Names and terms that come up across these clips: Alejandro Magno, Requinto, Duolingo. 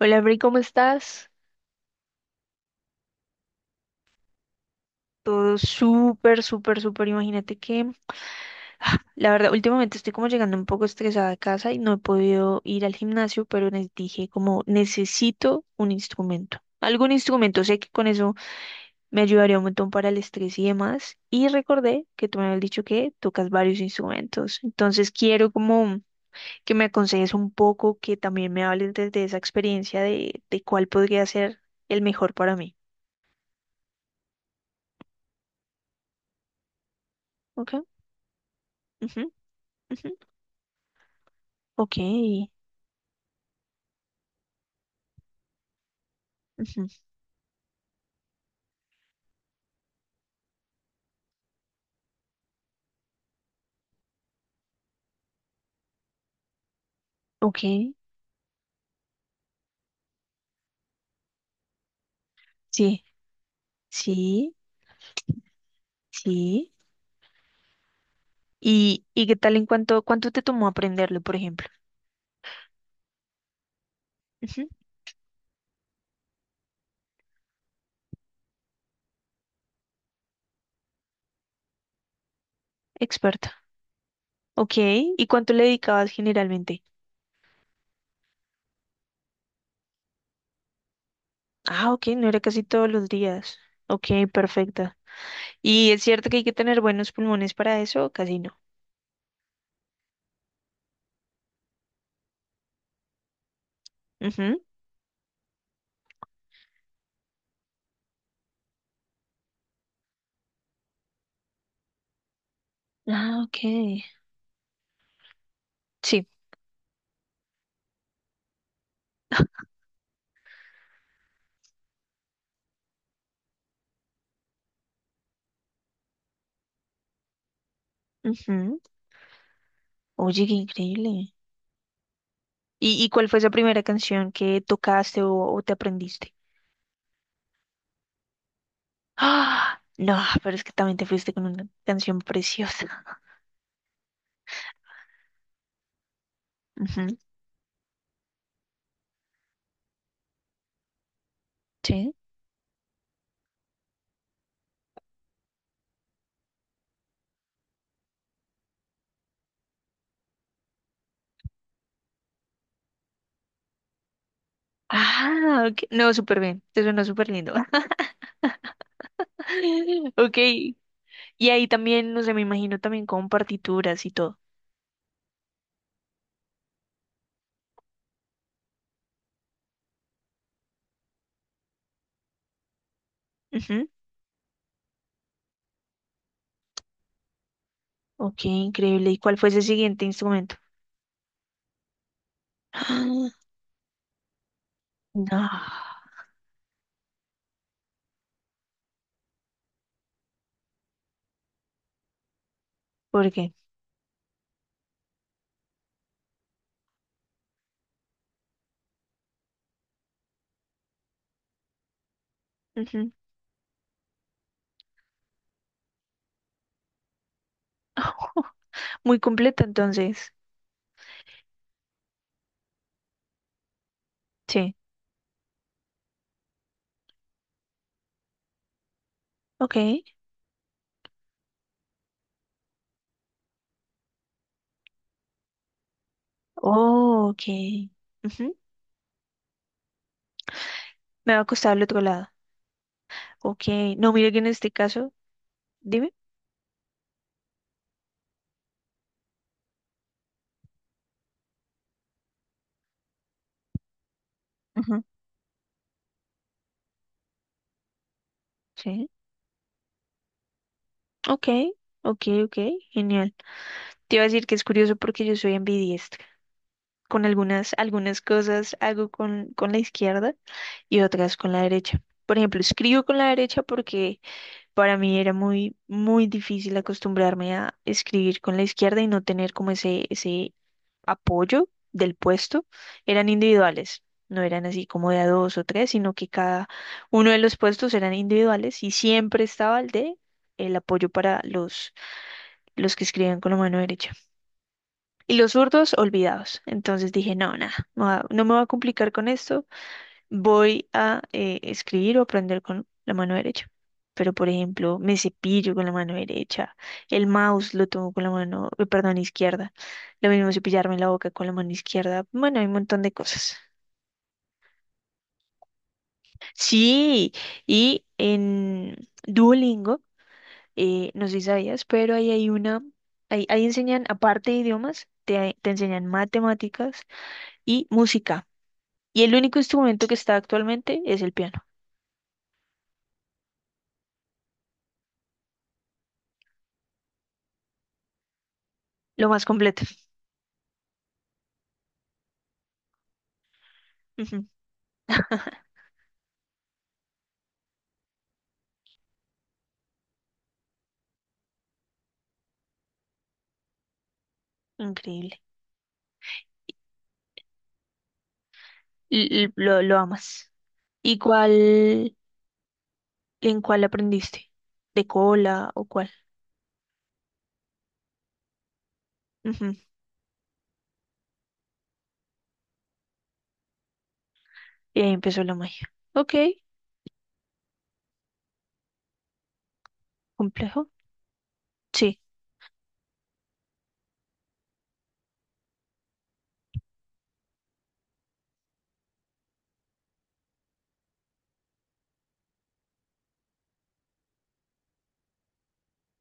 Hola, Bri, ¿cómo estás? Todo súper, súper, súper. Imagínate que, la verdad, últimamente estoy como llegando un poco estresada a casa y no he podido ir al gimnasio, pero les dije como necesito un instrumento. Algún instrumento, sé que con eso me ayudaría un montón para el estrés y demás. Y recordé que tú me habías dicho que tocas varios instrumentos. Entonces quiero como que me aconsejes un poco, que también me hables desde esa experiencia de cuál podría ser el mejor para mí. Ok. Ujú, ujú. Ok, ujú, ok, sí, sí, sí. ¿Y qué tal en cuánto te tomó aprenderlo, por ejemplo? Ujú. Experta. Ok, ¿y cuánto le dedicabas generalmente? Ah, ok, no era casi todos los días. Ok, perfecta. ¿Y es cierto que hay que tener buenos pulmones para eso? Casi no. Ujú. Ah, ok. Sí. Ujú. Oye, qué increíble. Y cuál fue esa primera canción que tocaste o te aprendiste? ¡Ah! No, pero es que también te fuiste con una canción preciosa. Ujú. Sí. Ah, ok. No, súper bien. Te suena súper lindo. Ok. Y ahí también, no sé, me imagino también con partituras y todo. Ujú. Ok, increíble. ¿Y cuál fue ese siguiente instrumento? No. ¿Por qué? Ujú. Muy completo, entonces. Sí. Ok. Oh, ok. Ujú. Me va a costar al otro lado. Ok. No, mire que en este caso, dime. Ujú. Sí. Ok, ok, ok, genial. Te iba a decir que es curioso porque yo soy ambidiestra. Con algunas cosas hago con la izquierda y otras con la derecha. Por ejemplo, escribo con la derecha porque para mí era muy, muy difícil acostumbrarme a escribir con la izquierda y no tener como ese apoyo del puesto. Eran individuales, no eran así como de a dos o tres, sino que cada uno de los puestos eran individuales y siempre estaba el de el apoyo para los que escriben con la mano derecha. Y los zurdos, olvidados. Entonces dije, no, nada, no, no me voy a complicar con esto, voy a escribir o aprender con la mano derecha. Pero, por ejemplo, me cepillo con la mano derecha, el mouse lo tomo con la mano, perdón, izquierda. Lo mismo cepillarme la boca con la mano izquierda. Bueno, hay un montón de cosas. Sí, y en Duolingo, no sé si sabías, pero ahí enseñan, aparte de idiomas, te enseñan matemáticas, y música. Y el único instrumento que está actualmente es el piano. Lo más completo. Ujú. Increíble. Lo amas. ¿Y en cuál aprendiste? ¿De cola o cuál? Ujú. Y ahí empezó la magia. Ok, complejo. Sí.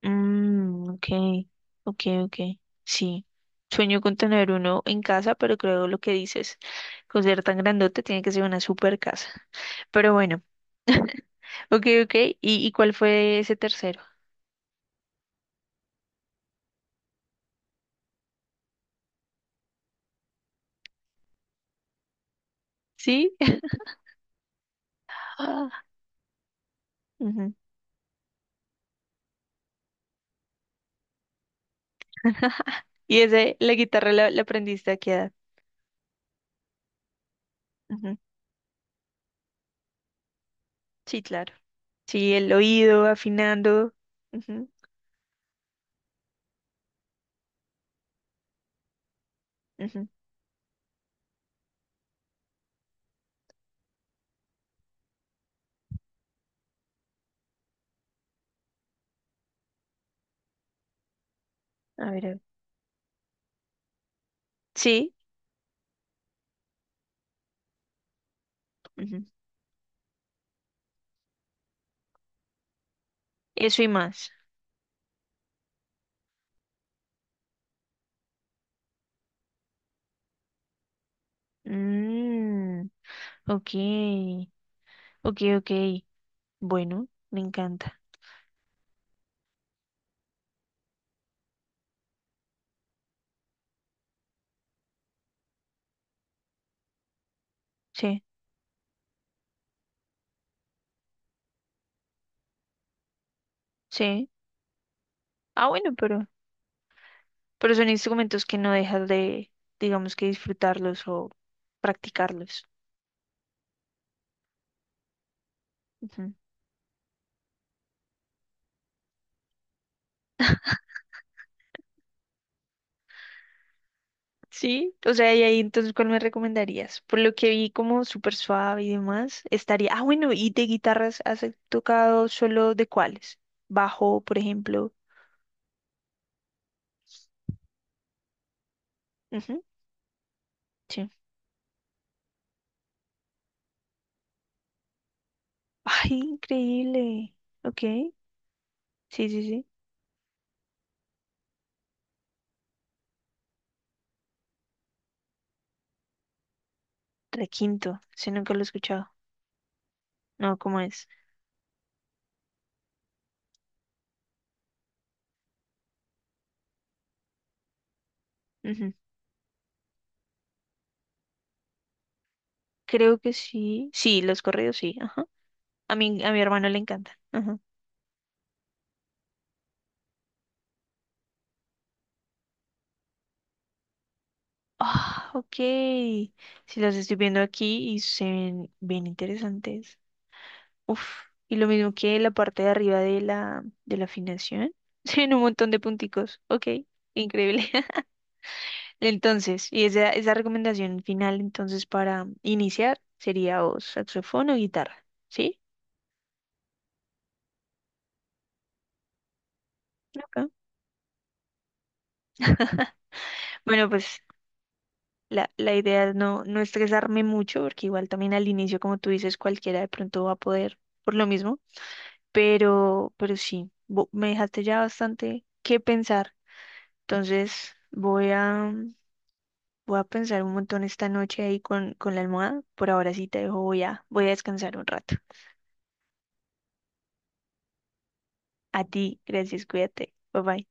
Mm, ok, ok, ok. Sí. Sueño con tener uno en casa, pero creo lo que dices, con ser tan grandote tiene que ser una super casa. Pero bueno. Ok, ok. ¿Y cuál fue ese tercero? ¿Sí? Ah, ujú. ¿Y la guitarra la aprendiste a qué edad? Ujú. Sí, claro. Sí, el oído, afinando. Ujú, ujú. A ver, a ver. Sí, ujú. Eso y más. Mm, ok, ok, ok. Bueno, me encanta. Sí, sí. Ah, bueno, pero son instrumentos que no dejas de, digamos que disfrutarlos o practicarlos. Sí, o sea, y ahí entonces, ¿cuál me recomendarías? Por lo que vi como súper suave y demás, estaría... Ah, bueno, ¿y de guitarras has tocado solo de cuáles? Bajo, por ejemplo. Ujú, sí. Ay, increíble. Ok, sí, sí, sí. Requinto, ese nunca lo he escuchado. No, ¿cómo es? Ujú. Creo que sí. Sí, los corridos sí, ajá. A a mi hermano le encantan. Ajá. Ah, ok. Sí, los estoy viendo aquí y se ven bien interesantes. Uf, y lo mismo que la parte de arriba de la afinación. Tiene un montón de punticos. Ok, increíble. Entonces, y esa recomendación final, entonces, para iniciar sería o saxofón o guitarra, ¿sí? Ok. Bueno, pues la idea es no estresarme mucho, porque igual también al inicio, como tú dices, cualquiera de pronto va a poder por lo mismo, pero sí, me dejaste ya bastante que pensar. Entonces voy a pensar un montón esta noche ahí con la almohada. Por ahora sí te dejo, voy a descansar un rato. A ti, gracias, cuídate. Bye bye.